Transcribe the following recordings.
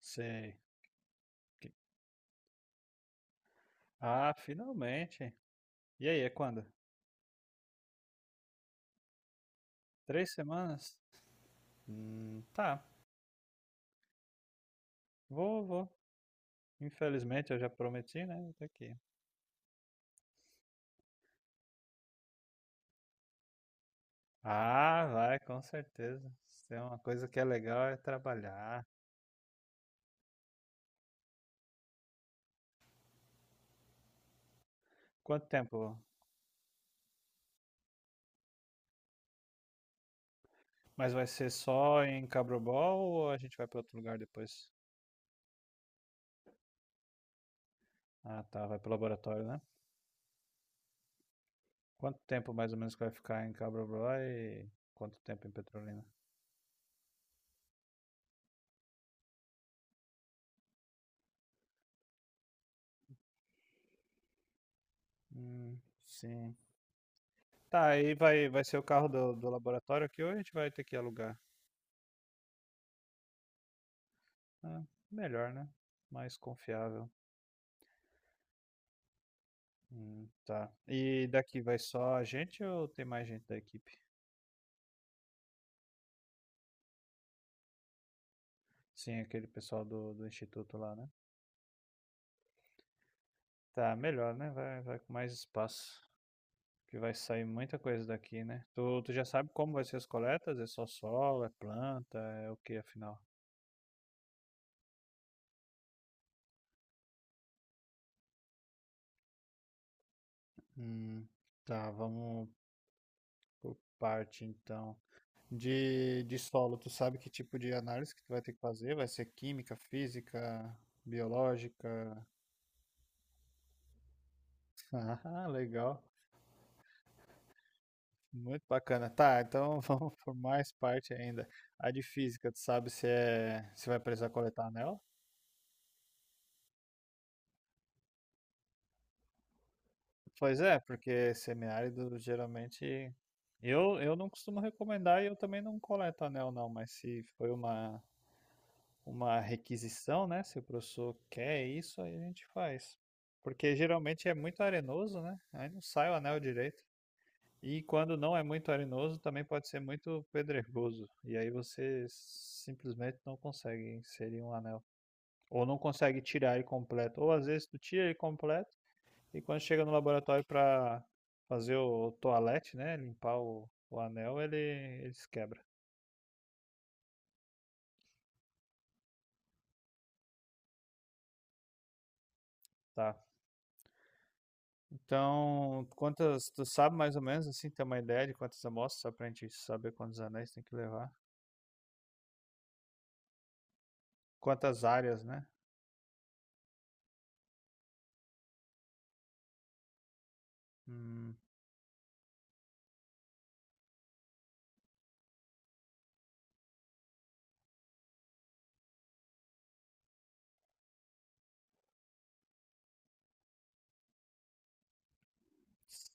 Sei. Que- Ah, finalmente. E aí, é quando? Três semanas? Tá. Vou, vou. Infelizmente, eu já prometi, né? Eu tô aqui. Ah, vai, com certeza. Se tem uma coisa que é legal é trabalhar. Quanto tempo? Mas vai ser só em Cabrobol ou a gente vai para outro lugar depois? Ah, tá. Vai pro laboratório, né? Quanto tempo mais ou menos que vai ficar em Cabrobol e quanto tempo em Petrolina? Hum, sim. Tá, aí vai ser o carro do laboratório aqui ou a gente vai ter que alugar? Ah, melhor, né? Mais confiável. Tá. E daqui vai só a gente ou tem mais gente da equipe? Sim, aquele pessoal do instituto lá, né? Tá, melhor, né? Vai com mais espaço. Que vai sair muita coisa daqui, né? Tu já sabe como vai ser as coletas? É só solo, é planta, é o que afinal? Hum, tá, vamos por parte então. De solo, tu sabe que tipo de análise que tu vai ter que fazer? Vai ser química, física, biológica? Ah, legal. Muito bacana. Tá, então vamos por mais parte ainda. A de física, tu sabe se vai precisar coletar anel? Pois é, porque semiárido geralmente eu não costumo recomendar e eu também não coleto anel não, mas se foi uma requisição, né? Se o professor quer isso, aí a gente faz. Porque geralmente é muito arenoso, né? Aí não sai o anel direito. E quando não é muito arenoso, também pode ser muito pedregoso. E aí você simplesmente não consegue inserir um anel. Ou não consegue tirar ele completo. Ou às vezes tu tira ele completo e quando chega no laboratório para fazer o toalete, né? Limpar o anel, ele se quebra. Tá, então, tu sabe mais ou menos assim, ter uma ideia de quantas amostras, só pra gente saber quantos anéis tem que levar? Quantas áreas, né? Hum,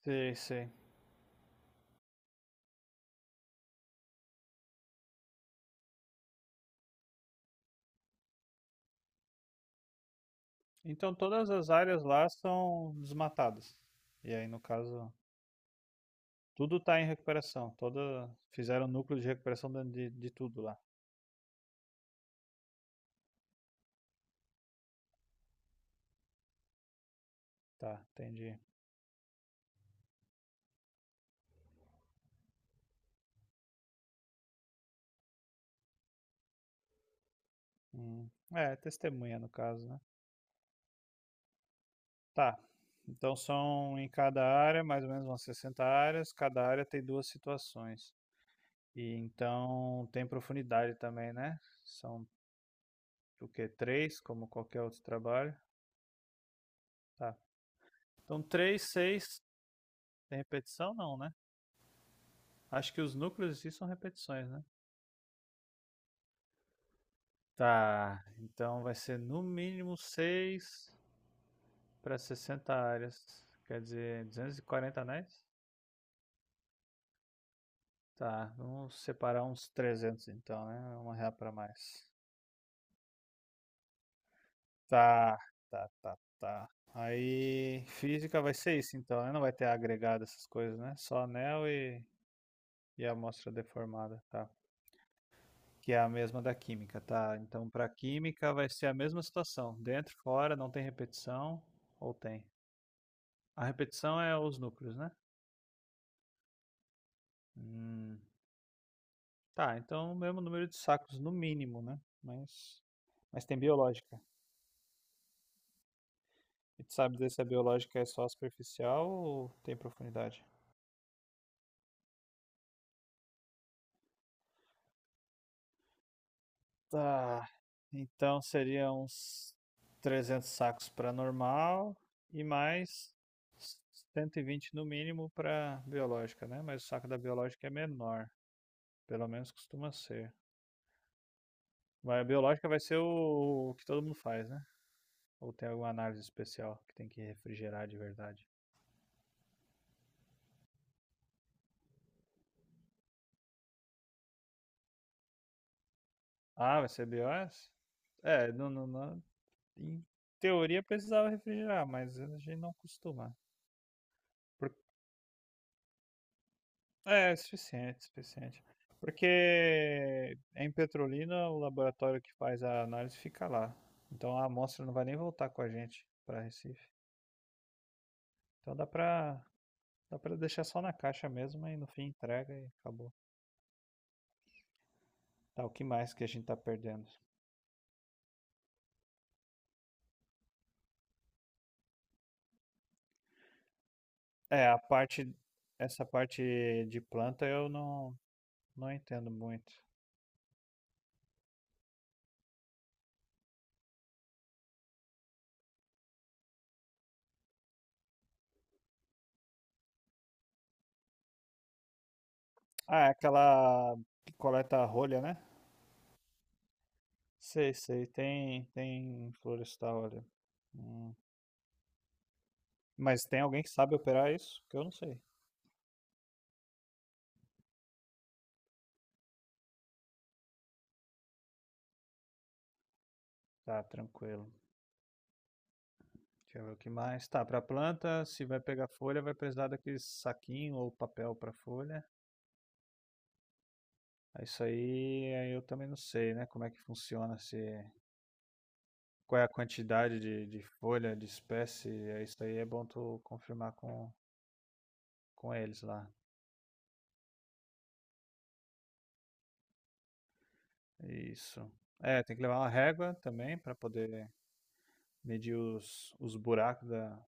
sei, sei. Então todas as áreas lá são desmatadas. E aí, no caso, tudo tá em recuperação. Fizeram núcleo de recuperação dentro de tudo lá. Tá, entendi. É, testemunha no caso, né? Tá. Então são em cada área, mais ou menos umas 60 áreas. Cada área tem duas situações. E então tem profundidade também, né? São o quê? Três, como qualquer outro trabalho. Tá. Então três, seis, tem repetição não, né? Acho que os núcleos em si são repetições, né? Tá. Então vai ser no mínimo seis para 60 áreas. Quer dizer, 240 anéis? Tá. Vamos separar uns 300 então, né? Uma real para mais. Tá, tá, tá, tá. Aí, física vai ser isso então, né? Não vai ter agregado essas coisas, né? Só anel e amostra deformada, tá? Que é a mesma da química, tá? Então, pra química vai ser a mesma situação. Dentro, fora, não tem repetição, ou tem? A repetição é os núcleos, né? Hum, tá, então o mesmo número de sacos, no mínimo, né? Mas tem biológica. E tu sabe dizer se a biológica é só superficial ou tem profundidade? Tá. Então seria uns 300 sacos para normal e mais 120 no mínimo para biológica, né? Mas o saco da biológica é menor, pelo menos costuma ser. Mas a biológica vai ser o que todo mundo faz, né? Ou tem alguma análise especial que tem que refrigerar de verdade? Ah, vai ser BIOS? É, não, não, em teoria precisava refrigerar, mas a gente não costuma. É suficiente, suficiente. Porque em Petrolina o laboratório que faz a análise fica lá. Então a amostra não vai nem voltar com a gente para Recife. Então dá pra deixar só na caixa mesmo e no fim entrega e acabou. Tá, o que mais que a gente tá perdendo? É, essa parte de planta eu não entendo muito. Ah, é aquela que coleta a rolha, né? Sei, sei, tem em florestal ali. Hum. Mas tem alguém que sabe operar isso? Que eu não sei. Tá, tranquilo. Deixa eu ver o que mais. Tá, pra planta, se vai pegar folha, vai precisar daquele saquinho ou papel pra folha. É isso aí, eu também não sei, né? Como é que funciona, se qual é a quantidade de folha, de espécie. É isso aí é bom tu confirmar com eles lá. Isso. É, tem que levar uma régua também pra poder medir os buracos da,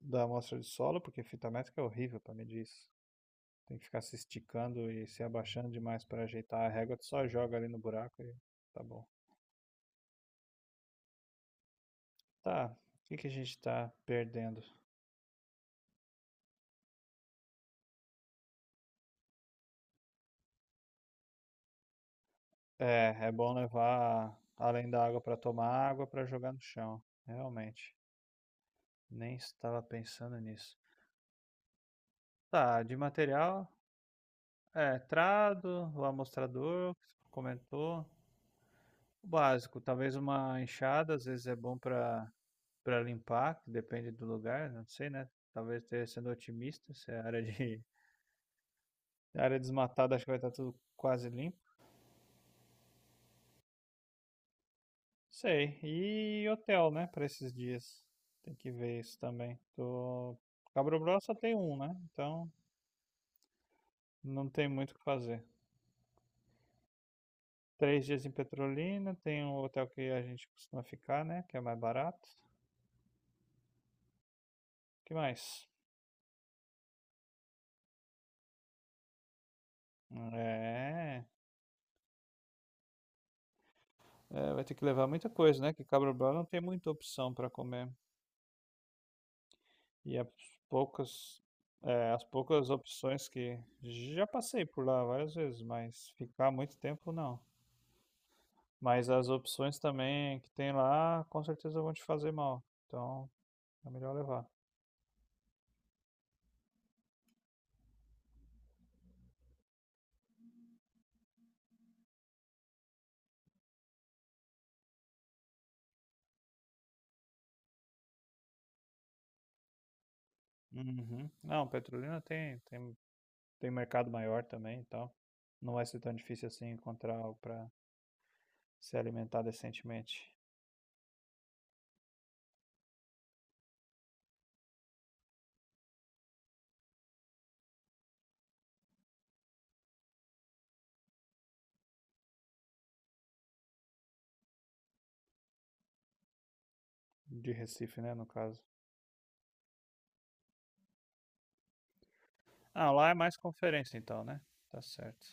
da amostra de solo, porque fita métrica é horrível pra medir isso. Tem que ficar se esticando e se abaixando demais para ajeitar a régua. Tu só joga ali no buraco e tá bom. Tá, o que que a gente tá perdendo? É, é bom levar, além da água para tomar, água para jogar no chão. Realmente, nem estava pensando nisso. Tá, de material, é, trado, o amostrador, comentou. O básico, talvez uma enxada, às vezes é bom para limpar, que depende do lugar, não sei, né? Talvez esteja sendo otimista, se é área desmatada, acho que vai estar tudo quase limpo. Sei. E hotel, né? Para esses dias. Tem que ver isso também. Tô. Cabo Brabo só tem um, né? Então não tem muito o que fazer. 3 dias em Petrolina. Tem um hotel que a gente costuma ficar, né? Que é mais barato. O que mais? É. é, vai ter que levar muita coisa, né? Que Cabo Brabo não tem muita opção para comer. E poucas, as poucas opções que já passei por lá várias vezes, mas ficar muito tempo não. Mas as opções também que tem lá, com certeza vão te fazer mal. Então, é melhor levar. Uhum. Não, Petrolina tem mercado maior também, então não vai ser tão difícil assim encontrar algo para se alimentar decentemente. De Recife, né, no caso. Ah, lá é mais conferência então, né? Tá certo.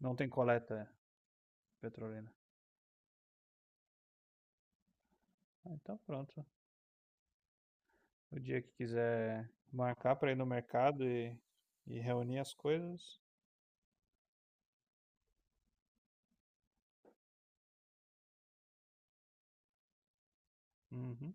Não tem coleta, Petrolina. Ah, então pronto. O dia que quiser marcar para ir no mercado e reunir as coisas. Uhum.